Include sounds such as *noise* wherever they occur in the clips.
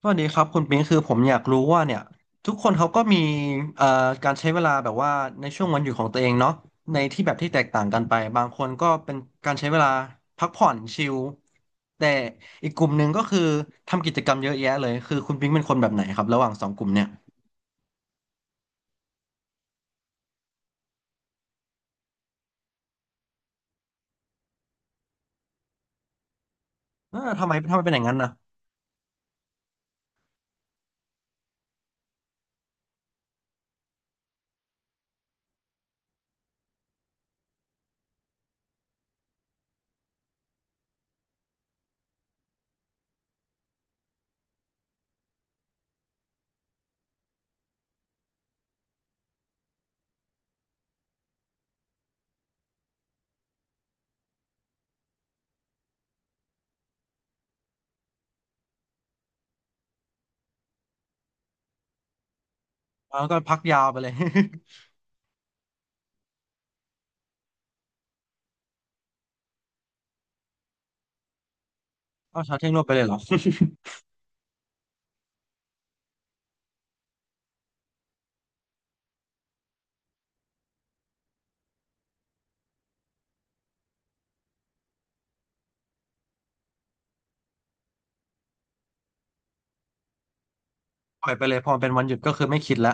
สวัสดีครับคุณปิงคือผมอยากรู้ว่าเนี่ยทุกคนเขาก็มีเอ่อการใช้เวลาแบบว่าในช่วงวันหยุดของตัวเองเนาะในที่แบบที่แตกต่างกันไปบางคนก็เป็นการใช้เวลาพักผ่อนชิลแต่อีกกลุ่มหนึ่งก็คือทำกิจกรรมเยอะแยะเลยคือคุณปิงเป็นคนแบบไหนครับระหว่างสองกลุ่มเนี่ยเออทำไมเป็นอย่างนั้นนะแล้วก็พักยาวไปเลย *laughs* เอาเช้าเที่ยงรวบไปเลยเหรอ *laughs* ปล่อยไปเลยพอเป็นวันหยุดก็คือไม่คิดละ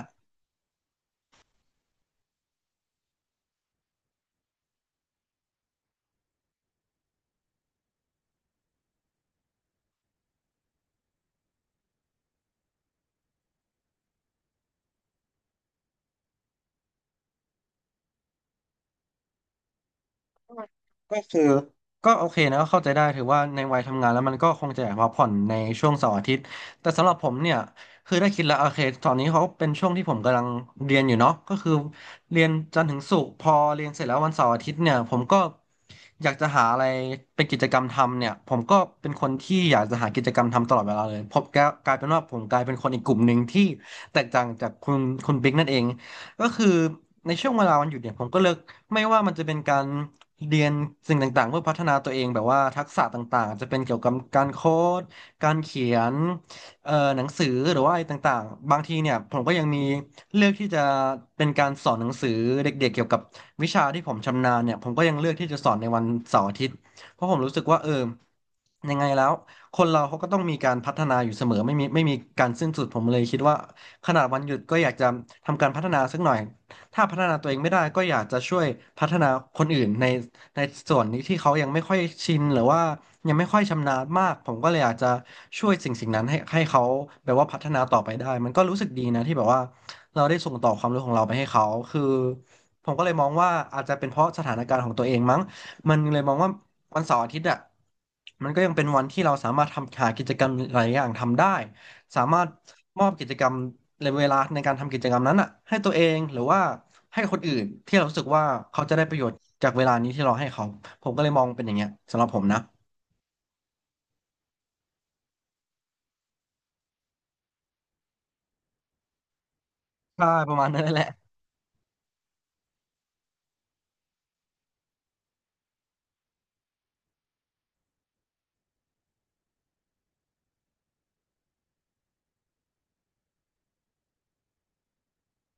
ก็คือก็โอเคนะก็เข้าใจได้ถือว่าในวัยทำงานแล้วมันก็คงจะอยากพักผ่อนในช่วงเสาร์อาทิตย์แต่สำหรับผมเนี่ยคือได้คิดแล้วโอเคตอนนี้เขาเป็นช่วงที่ผมกำลังเรียนอยู่เนาะก็คือเรียนจันทร์ถึงศุกร์พอเรียนเสร็จแล้ววันเสาร์อาทิตย์เนี่ยผมก็อยากจะหาอะไรเป็นกิจกรรมทำเนี่ยผมก็เป็นคนที่อยากจะหากิจกรรมทำตลอดเวลาเลยผมก็กลายเป็นว่าผมกลายเป็นคนอีกกลุ่มหนึ่งที่แตกต่างจากคุณบิ๊กนั่นเองก็คือในช่วงเวลาวันหยุดเนี่ยผมก็เลิก ไม่ว่ามันจะเป็นการเรียนสิ่งต่างๆเพื่อพัฒนาตัวเองแบบว่าทักษะต่างๆจะเป็นเกี่ยวกับการโค้ดการเขียนหนังสือหรือว่าอะไรต่างๆบางทีเนี่ยผมก็ยังมีเลือกที่จะเป็นการสอนหนังสือเด็กๆเกี่ยวกับวิชาที่ผมชำนาญเนี่ยผมก็ยังเลือกที่จะสอนในวันเสาร์อาทิตย์เพราะผมรู้สึกว่าเออยังไงแล้วคนเราเขาก็ต้องมีการพัฒนาอยู่เสมอไม่มีการสิ้นสุดผมเลยคิดว่าขนาดวันหยุดก็อยากจะทำการพัฒนาสักหน่อย ถ้าพัฒนาตัวเองไม่ได้ก็อยากจะช่วยพัฒนาคนอื่นในส่วนนี้ที่เขายังไม่ค่อยชินหรือว่ายังไม่ค่อยชำนาญมากผมก็เลยอยากจะช่วยสิ่งนั้นให้เขาแบบว่าพัฒนาต่อไปได้มันก็รู้สึกดีนะที่แบบว่าเราได้ส่งต่อความรู้ของเราไปให้เขาคือผมก็เลยมองว่าอาจจะเป็นเพราะสถานการณ์ของตัวเองมั้งมันเลยมองว่าวันเสาร์อาทิตย์อ่ะมันก็ยังเป็นวันที่เราสามารถทำหากิจกรรมหลายอย่างทำได้ สามารถมอบกิจกรรมในเวลาในการทำกิจกรรมนั้นอ่ะให้ตัวเองหรือว่าให้คนอื่นที่เรารู้สึกว่าเขาจะได้ประโยชน์จากเวลานี้ที่เราให้เขาผมก็เลยมองเป็นอย่างเงี้ยสำหรับผมนะใช่ประมาณนั้นแหละ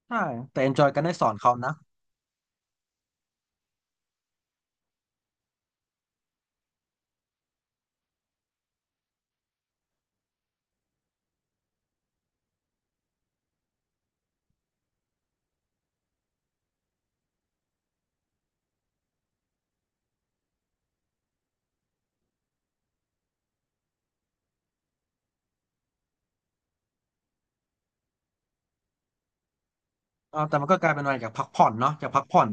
ใช่แต่ enjoy กันได้สอนเขานะแต่มันก็กลายเป็นอะไรจากพักผ่อนเนาะจากพักผ่อน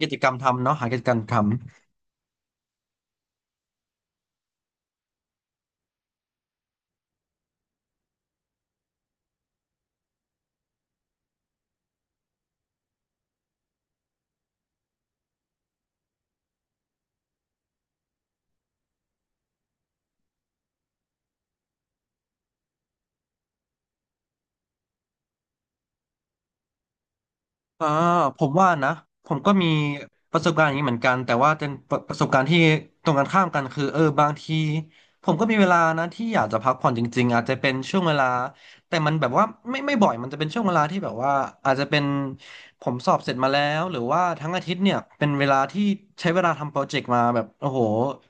กิจกรรมทำเนาะหากิจกรรมทำ อ่าผมว่านะผมก็มีประสบการณ์อย่างนี้เหมือนกันแต่ว่าเป็นประสบการณ์ที่ตรงกันข้ามกันคือเออบางทีผมก็มีเวลานะที่อยากจะพักผ่อนจริงๆอาจจะเป็นช่วงเวลาแต่มันแบบว่าไม่บ่อยมันจะเป็นช่วงเวลาที่แบบว่าอาจจะเป็นผมสอบเสร็จมาแล้วหรือว่าทั้งอาทิตย์เนี่ยเป็นเวลาที่ใช้เวลาทำโปรเจกต์มาแบบโอ้โห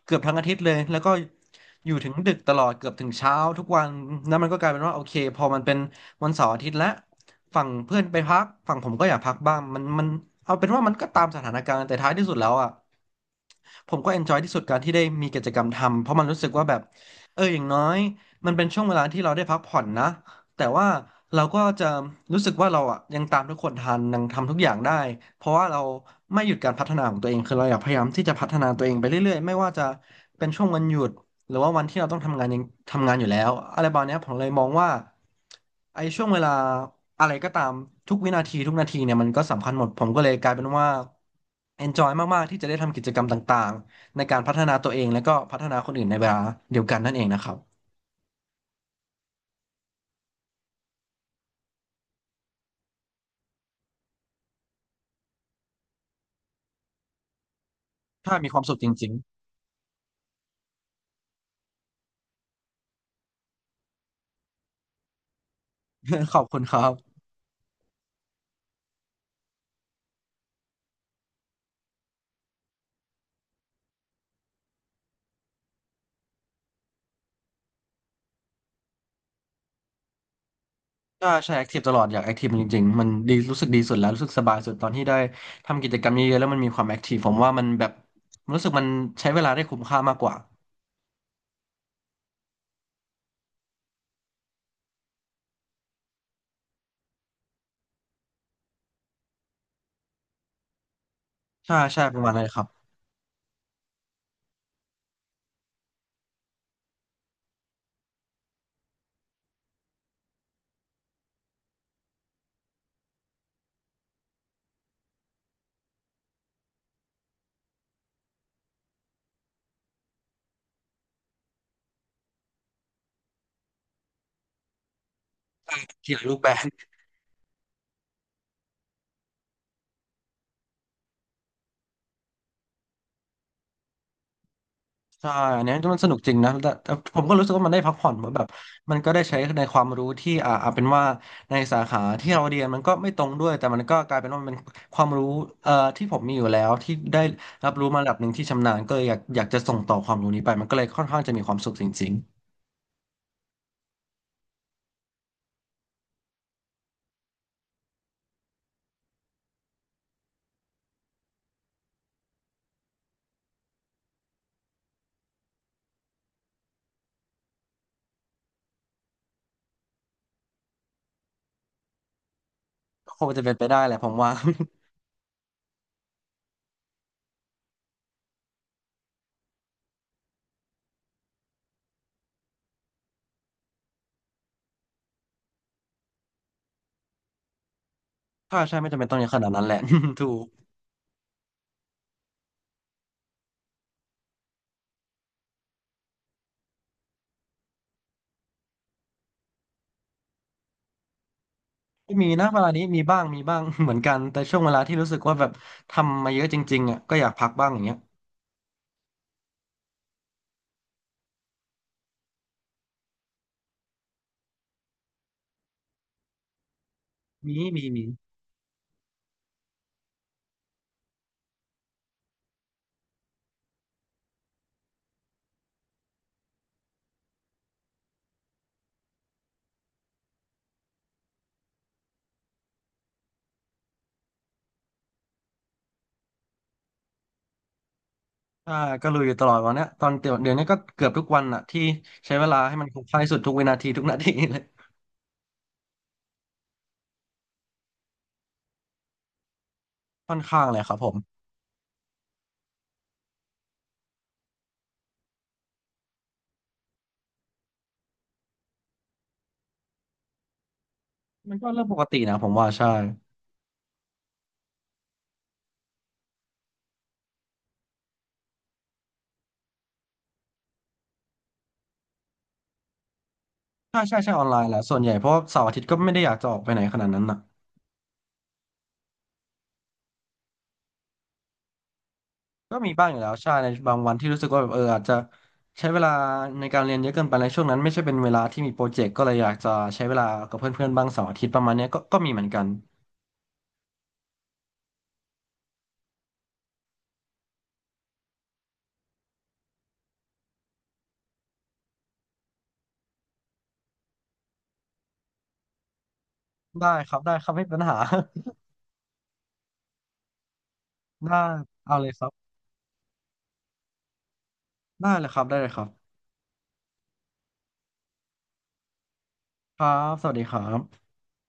เกือบทั้งอาทิตย์เลยแล้วก็อยู่ถึงดึกตลอดเกือบถึงเช้าทุกวันนั่นมันก็กลายเป็นว่าโอเคพอมันเป็น วันเสาร์อาทิตย์และฝั่งเพื่อนไปพักฝั่งผมก็อยากพักบ้างมันเอาเป็นว่ามันก็ตามสถานการณ์แต่ท้ายที่สุดแล้วอ่ะผมก็เอนจอยที่สุดการที่ได้มีกิจกรรมทำเพราะมันรู้สึกว่าแบบเอออย่างน้อยมันเป็นช่วงเวลาที่เราได้พักผ่อนนะแต่ว่าเราก็จะรู้สึกว่าเราอ่ะยังตามทุกคนทันยังทำทุกอย่างได้ เพราะว่าเราไม่หยุดการพัฒนาของตัวเองคือเราอยากพยายามที่จะพัฒนาตัวเองไปเรื่อยๆไม่ว่าจะเป็นช่วงวันหยุด หรือว่าวันที่เราต้องทำงานยังทำงานอยู่แล้วอะไรประมาณเนี้ยผมเลยมองว่าไอ้ช่วงเวลาอะไรก็ตามทุกวินาทีทุกนาทีเนี่ยมันก็สำคัญหมดผมก็เลยกลายเป็นว่า enjoy มากๆที่จะได้ทำกิจกรรมต่างๆในการพัฒนาตัวเองแล้วก็พัฒนาคนอื่นในเวลาเดียวกันนั่นเองนะครับถ้ามีความสุขจริงๆ *laughs* ขอบคุณครับก็ใช้แอคทีฟตลอดอยากแอคทีฟจริงๆมันดีรู้สึกดีสุดแล้วรู้สึกสบายสุดตอนที่ได้ทำกิจกรรมเยอะๆแล้วมันมีความแอคทีฟผมว่ามันแบบรู้สึกมันใช้เวลาได้คุ้มค่ามากกว่าใช่ใช่ประมาณนั้นเลยครับ เขียนรูปแบบใช่อันเนี้ยมันสนุกจริงนะแต่ผมก็รู้สึกว่ามันได้พักผ่อนเหมือนแบบมันก็ได้ใช้ในความรู้ที่เอาเป็นว่าในสาขาที่เราเรียนมันก็ไม่ตรงด้วยแต่มันก็กลายเป็นว่ามันเป็นความรู้ที่ผมมีอยู่แล้วที่ได้รับรู้มาระดับหนึ่งที่ชำนาญก็เลยอยากจะส่งต่อความรู้นี้ไปมันก็เลยค่อนข้างจะมีความสุขจริงๆก็คงจะเป็นไปได้แหละผมว่า *laughs* ถ้าใช่ไม่จำเป็นต้องอย่างขนาดนั้นแหละ *laughs* ถูกก็มีนะเวลานี้มีบ้างมีบ้าง *laughs* เหมือนกันแต่ช่วงเวลาที่รู้สึกว่าแบบทำมาเยอะจริงๆอ่ะก็อยากพักบ้างอย่างเงี้ยมีมีมี ใช่ก็ลุยอยู่ตลอดวันเนี้ยตอนเดี๋ยวนี้ก็เกือบทุกวันอะที่ใช้เวลาให้มันคุ้มค่าที่สุดทุกวินาทีทุกนาทีเลย *laughs* ค่อนข้างเลยครับผมมันก็เรื่องปกตินะผมว่าใช่ใช่ใช่ใช่ออนไลน์แหละส่วนใหญ่เพราะว่าเสาร์อาทิตย์ก็ไม่ได้อยากจะออกไปไหนขนาดนั้นนะก็มีบ้างอยู่แล้วใช่ในบางวันที่รู้สึกว่าแบบเอออาจจะใช้เวลาในการเรียนเยอะเกินไปในช่วงนั้นไม่ใช่เป็นเวลาที่มีโปรเจกต์ก็เลยอยากจะใช้เวลากับเพื่อนๆบ้างเสาร์อาทิตย์ประมาณเนี้ยก็ก็มีเหมือนกันได้ครับได้ครับไม่เป็นปัญหา *laughs* ได้เอาเลยครับได้เลยครับได้เลยครับครับสวัสดีครับ